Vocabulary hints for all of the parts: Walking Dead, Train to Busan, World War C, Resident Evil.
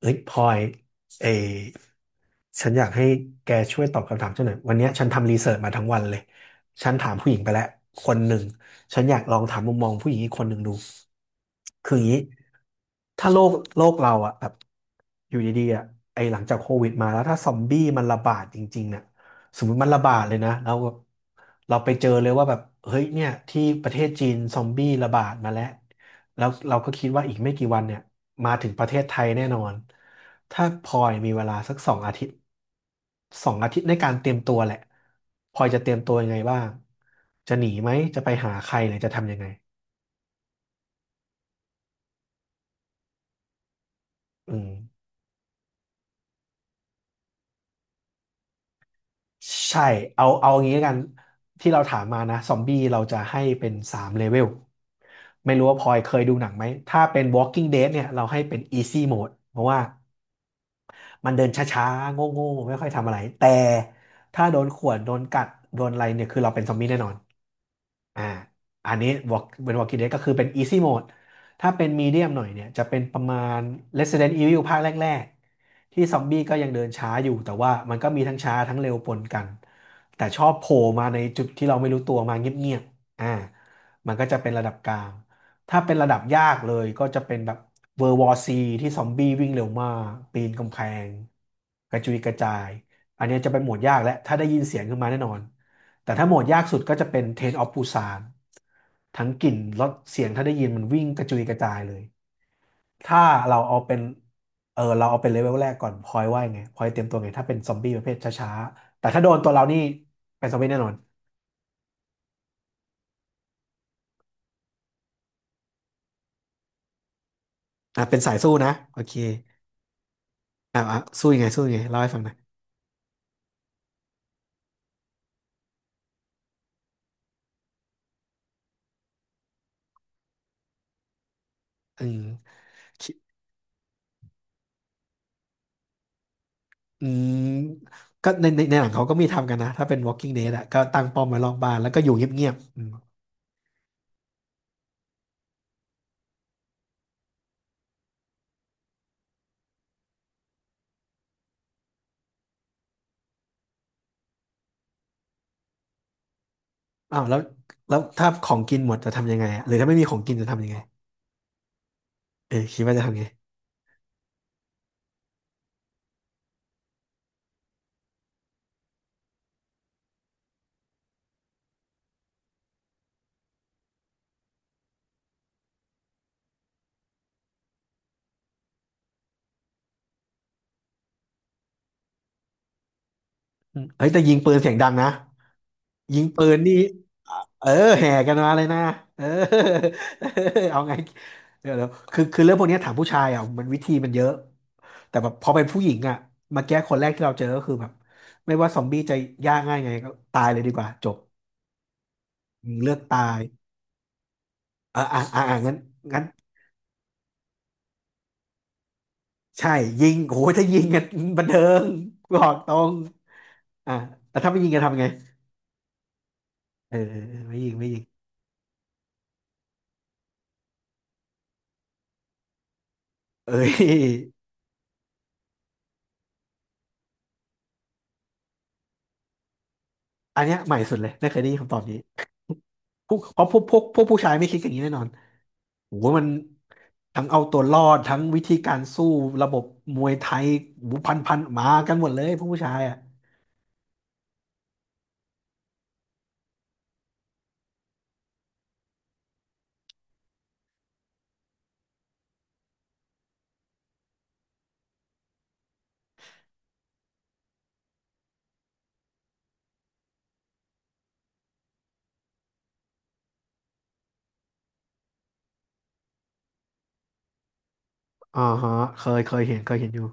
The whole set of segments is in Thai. เฮ้ยพลอยเอยฉันอยากให้แกช่วยตอบคำถามฉันหน่อยวันเนี้ยฉันทำรีเสิร์ชมาทั้งวันเลยฉันถามผู้หญิงไปแล้วคนหนึ่งฉันอยากลองถามมุมมองผู้หญิงอีกคนหนึ่งดูคืออย่างนี้ ถ้าโลกเราอะแบบอยู่ดีๆอะไอหลังจากโควิดมาแล้วถ้าซอมบี้มันระบาดจริงๆเนี่ยสมมติมันระบาดเลยนะแล้วเราไปเจอเลยว่าแบบเฮ้ยเนี่ยที่ประเทศจีนซอมบี้ระบาดมาแล้วแล้วเราก็คิดว่าอีกไม่กี่วันเนี่ยมาถึงประเทศไทยแน่นอนถ้าพลอยมีเวลาสักสองอาทิตย์สองอาทิตย์ในการเตรียมตัวแหละพลอยจะเตรียมตัวยังไงบ้างจะหนีไหมจะไปหาใครหรือจะทำยังไงอืม ใช่เอาอย่างนี้แล้วกันที่เราถามมานะซอมบี้เราจะให้เป็นสามเลเวลไม่รู้ว่าพลอยเคยดูหนังไหมถ้าเป็น Walking Dead เนี่ยเราให้เป็น Easy Mode เพราะว่า มันเดินช้าๆโง่ๆไม่ค่อยทำอะไร แต่ถ้าโดนข่วนโดนกัด โดนอะไรเนี่ย คือเราเป็นซอมบี้แน่นอนอ่าอันนี้บอกเป็น Walking Dead ก็คือเป็น Easy Mode ถ้าเป็น Medium หน่อยเนี่ย จะเป็นประมาณ Resident Evil ภาคแรกๆ ที่ซอมบี้ก็ยังเดินช้าอยู่ แต่ว่ามันก็มีทั้งช้าทั้งเร็วปนกัน แต่ชอบโผล่มาในจุดที่เราไม่รู้ตัวมาเงียบๆอ่ามันก็จะเป็นระดับกลาง ถ้าเป็นระดับยากเลยก็จะเป็นแบบเวอร์วอซีที่ซอมบี้วิ่งเร็วมากปีนกำแพงกระจุยกระจายอันเนี้ยจะเป็นโหมดยากและถ้าได้ยินเสียงขึ้นมาแน่นอนแต่ถ้าโหมดยากสุดก็จะเป็นเทรนออฟปูซานทั้งกลิ่นรสเสียงถ้าได้ยินมันวิ่งกระจุยกระจายเลยถ้าเราเอาเป็นเออเราเอาเป็นเลเวลแรกก่อนพลอยว่ายังไงพลอยเตรียมตัวไงถ้าเป็นซอมบี้ประเภทช้าๆแต่ถ้าโดนตัวเรานี่เป็นซอมบี้แน่นอนอ่ะเป็นสายสู้นะโอเคอ่ะสู้ยังไงสู้ยังไงเล่าให้ฟังหน่อยอืม อืมก็ในหนังเขาก็มีทำกันนะถ้าเป็น Walking Dead อะก็ตั้งป้อมไว้รอบบ้านแล้วก็อยู่เงียบๆอืมอ้าวแล้วถ้าของกินหมดจะทำยังไงอะหรือถ้าไม่มีของกินจะทำยังไงเออคิดว่าจะทำไงอืมเฮ้ยแต่ยิงปืนเสียงดังนะยิงปืนนี่เออแห่กันมาเลยนะเออ เอาไงเดี๋ยวคือเรื่องพวกนี้ถามผู้ชายอ่ะมันวิธีมันเยอะแต่แบบพอเป็นผู้หญิงอ่ะมาแก้คนแรกที่เราเจอก็คือแบบไม่ว่าซอมบี้จะยากง่ายไงก็ตายเลยดีกว่าจบเลือกตาย อ่างั้นงั้นใช่ยิงโอ้ยถ้ายิงกันบันเทิงบอกตรงอ่าแล้วถ้าไม่ยิงกันทำไงเออไม่ยิงไม่ยิงเอ้ยอันเนี้ยใหม่สุดเลยไม่เคยได้ยินคำตอบนี้พวกเพราะพวกผู้ชายไม่คิดอย่างนี้แน่นอนโอ้โหมันทั้งเอาตัวรอดทั้งวิธีการสู้ระบบมวยไทยโอ้โหพันมากันหมดเลยพวกผู้ชายอ่ะอ่าฮะเคยเห็นเคยเห็นอยู่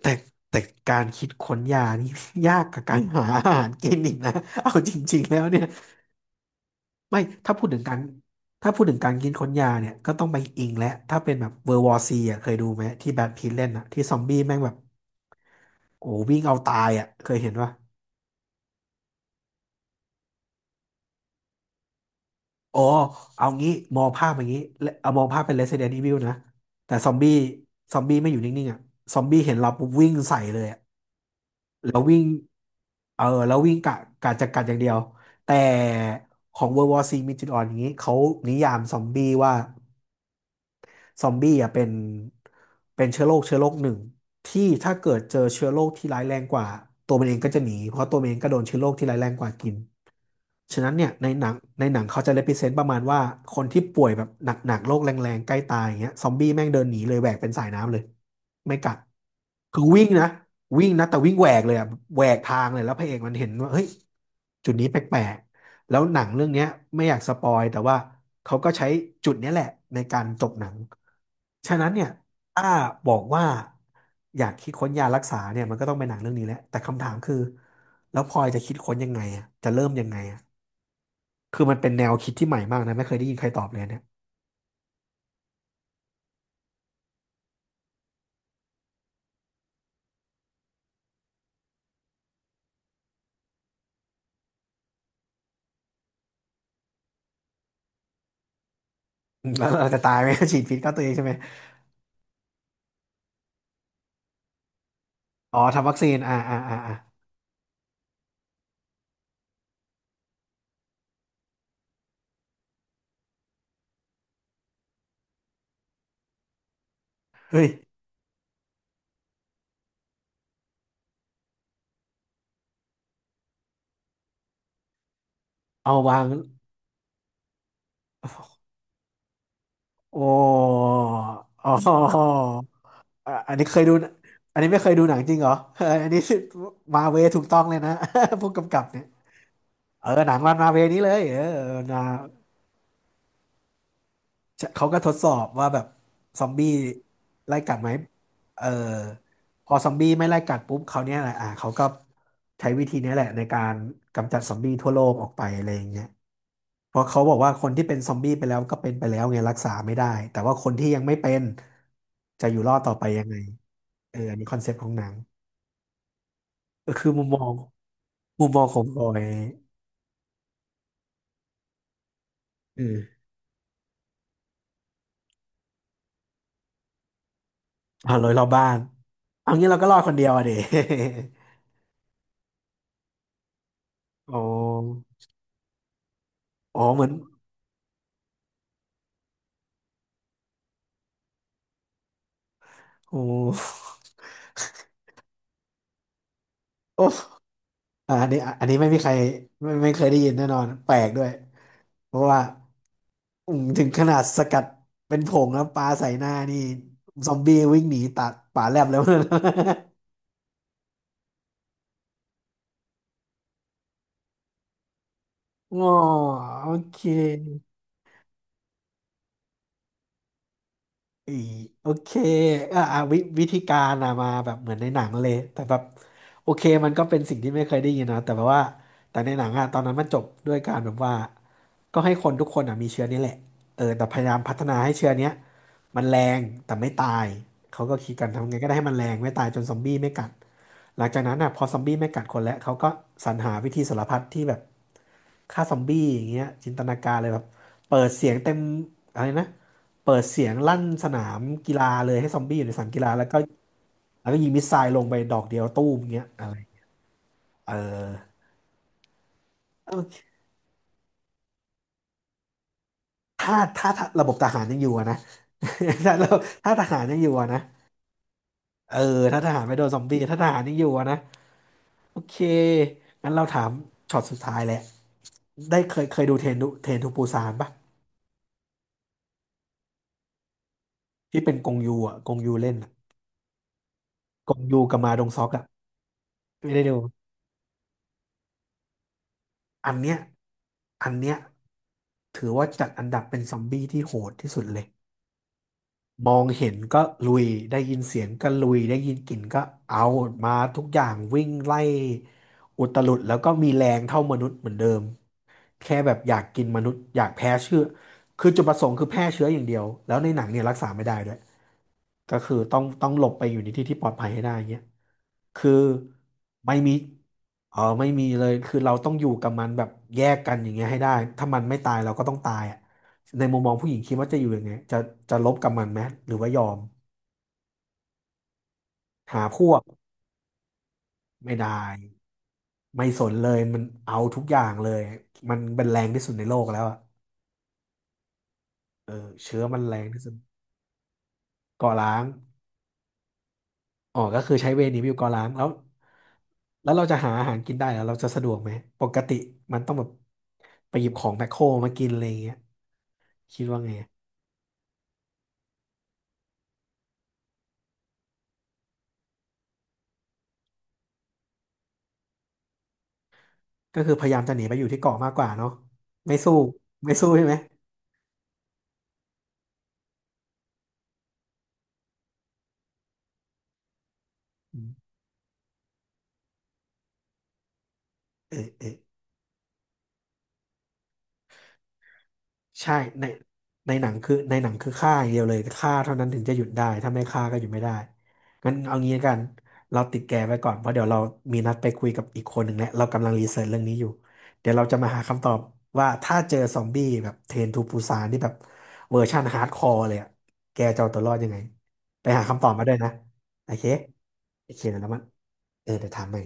แต่แต่การคิดค้นยานี่ ยากกับการหาอาหารกินอีกนะเอาจริงๆแล้วเนี่ย ไม่ถ้าพูดถึงการถ้าพูดถึงการกินค้นยาเนี่ยก็ต้องไปอิงและถ้าเป็นแบบเวอร์วอร์ซีอ่ะเคยดูไหมที่แบทพีทเล่นอ่ะที่ซอมบี้แม่งแบบโอ้วิ่งเอาตายอ่ะเคยเห็นปะอ๋อเอางี้มองภาพอย่างนี้และเอามองภาพเป็น Resident Evil นะแต่ซอมบี้ไม่อยู่นิ่งๆอ่ะซอมบี้เห็นเราปุ๊บวิ่งใส่เลยอ่ะแล้ววิ่งเออแล้ววิ่งกะจะกัดอย่างเดียวแต่ของ World War C มีจุดอ่อนอย่างนี้เขานิยามซอมบี้ว่า ซอมบี้อ่ะเป็นเชื้อโรคเชื้อโรคหนึ่งที่ถ้าเกิดเจอเชื้อโรคที่ร้ายแรงกว่าตัวมันเองก็จะหนีเพราะตัวมันเองก็โดนเชื้อโรคที่ร้ายแรงกว่ากินฉะนั้นเนี่ยในหนังเขาจะ represent ประมาณว่าคนที่ป่วยแบบหนักๆโรคแรงๆใกล้ตายอย่างเงี้ยซอมบี้แม่งเดินหนีเลยแหวกเป็นสายน้ำเลยไม่กัดคือวิ่งนะวิ่งนะแต่วิ่งแหวกเลยอะแหวกทางเลยแล้วพระเอกมันเห็นว่าเฮ้ยจุดนี้แปลก แล้วหนังเรื่องเนี้ยไม่อยากสปอยแต่ว่าเขาก็ใช้จุดเนี้ยแหละในการจบหนังฉะนั้นเนี่ยถ้าบอกว่าอยากคิดค้นยารักษาเนี่ยมันก็ต้องเป็นหนังเรื่องนี้แหละแต่คำถามคือแล้วพลอยจะคิดค้นยังไงอะจะเริ่มยังไงอะคือมันเป็นแนวคิดที่ใหม่มากนะไม่เคยได้ยินใครตอบเลยเนี่ย อืมแล้วเราจะตายไหม ฉีดพิษเข้าตัวเองใช่ไหมอ๋อทำวัคซีนเฮ้ยเอาวางโอ้อ๋อ อ่ะอันนี้เคยดูอันนี้ไม่เคยดูหนังจริงเหรอเออ อันนี้มาเวถูกต้องเลยนะ ผู้กำกับเนี่ยเออหนังรันมาเวนี้เลยเออนาเขาก็ทดสอบว่าแบบซอมบี้ไล่กัดไหมเออพอซอมบี้ไม่ไล่กัดปุ๊บเขาวเนี่ยแหละอ่ะเขาก็ใช้วิธีนี้แหละในการกำจัดซอมบี้ทั่วโลกออกไปอะไรอย่างเงี้ยเพราะเขาบอกว่าคนที่เป็นซอมบี้ไปแล้วก็เป็นไปแล้วไงรักษาไม่ได้แต่ว่าคนที่ยังไม่เป็นจะอยู่รอดต่อไปยังไงเอออันนี้คอนเซ็ปต์ของหนังก็คือมุมมอง ของบอยอืมผ่านลอยรอบบ้านเอางี้เราก็รอดคนเดียวอะเด อ๋อ อ๋อเหมือนโอ้ โอ้อ่ะอันนี้ไม่มีใคร ไม่เคยได้ยินแน่นอน แปลกด้วย เพราะว่าอืมถึงขนาดสกัดเป็นผงแล้วปลาใส่หน้านี่ ซอมบี้วิ่งหนีตัดป่าแลบแล้วนะ อ๋อโอเค อีโอเคอ่ะอ่ะวิธีการอะมาแบบเหมือนในหนังเลยแต่แบบโอเคมันก็เป็นสิ่งที่ไม่เคยได้ยินนะแต่แบบว่าแต่ในหนังอะตอนนั้นมันจบด้วยการแบบว่าก็ให้คนทุกคนอะมีเชื้อนี้แหละเออแต่พยายามพัฒนาให้เชื้อเนี้ยมันแรงแต่ไม่ตายเขาก็คิดกันทำไงก็ได้ให้มันแรงไม่ตายจนซอมบี้ไม่กัด หลังจากนั้นอ่ะพอซอมบี้ไม่กัดคนแล้วเขาก็สรรหาวิธีสารพัดที่แบบฆ่าซอมบี้อย่างเงี้ยจินตนาการเลยแบบเปิดเสียงเต็มอะไรนะเปิดเสียงลั่นสนามกีฬาเลยให้ซอมบี้อยู่ในสนามกีฬาแล้วก็ยิงมิสไซล์ลงไปดอกเดียวตู้มอย่างเงี้ยอะไรเออโอเคถ้าระบบทหารยังอยู่อะนะ ถ้าเราถ้าทหารยังอยู่อะนะเออถ้าทหารไม่โดนซอมบี้ถ้าทหารยังอยู่อะนะโอเคงั้นเราถามช็อตสุดท้ายแหละได้เคยดูเทรนทูปูซานปะ ที่เป็นกงยูอ่ะกงยูเล่นอะกงยูกับมาดงซอกอ่ะไม่ได้ดูอันเนี้ยอันเนี้ยถือว่าจัดอันดับเป็นซอมบี้ที่โหดที่สุดเลยมองเห็นก็ลุยได้ยินเสียงก็ลุยได้ยินกลิ่นก็เอามาทุกอย่างวิ่งไล่อุตลุดแล้วก็มีแรงเท่ามนุษย์เหมือนเดิมแค่แบบอยากกินมนุษย์อยากแพ้เชื้อคือจุดประสงค์คือแพร่เชื้ออย่างเดียวแล้วในหนังเนี่ยรักษาไม่ได้ด้วย ก็คือต้องหลบไปอยู่ในที่ที่ปลอดภัยให้ได้เงี้ยคือไม่มีเออไม่มีเลยคือเราต้องอยู่กับมันแบบแยกกันอย่างเงี้ยให้ได้ ถ้ามันไม่ตายเราก็ต้องตายอ่ะในมุมมองผู้หญิงคิดว่าจะอยู่ยังไงจะลบกับมันไหมหรือว่ายอมหาพวกไม่ได้ไม่สนเลยมันเอาทุกอย่างเลยมันเป็นแรงที่สุดในโลกแล้วอ่ะเออเชื้อมันแรงที่สุดก่อร้าง อ๋อ ก็คือใช้เวย์หนีไปอยู่เกาะล้างแล้ว แล้วเราจะหาอาหารกินได้แล้วเราจะสะดวกไหม ปกติมันต้องแบบไปหยิบของแมคโครมากินอะไรอย่างเงี้ยคิดว่าไง ก็คือพยายามจะหนีไปอยู่ที่เกาะมากกว่าเนาะไม่สู้ ไม่สู้ใช่ไหมอืมเออเออ ใช่ในในหนังคือในหนังคือฆ่าอย่างเดียวเลยฆ่าเท่านั้นถึงจะหยุดได้ถ้าไม่ฆ่าก็หยุดไม่ได้งั้นเอางี้ละกันเราติดแกไว้ก่อนเพราะเดี๋ยวเรามีนัดไปคุยกับอีกคนหนึ่งแล้วเรากำลังรีเสิร์ชเรื่องนี้อยู่เดี๋ยวเราจะมาหาคำตอบว่าถ้าเจอซอมบี้แบบเทรนทูปูซานที่แบบเวอร์ชั่นฮาร์ดคอร์เลยอะแกจะเอาตัวรอดยังไงไปหาคำตอบมาด้วยนะโอเคโอเคแล้วมันเออเดี๋ยวถามใหม่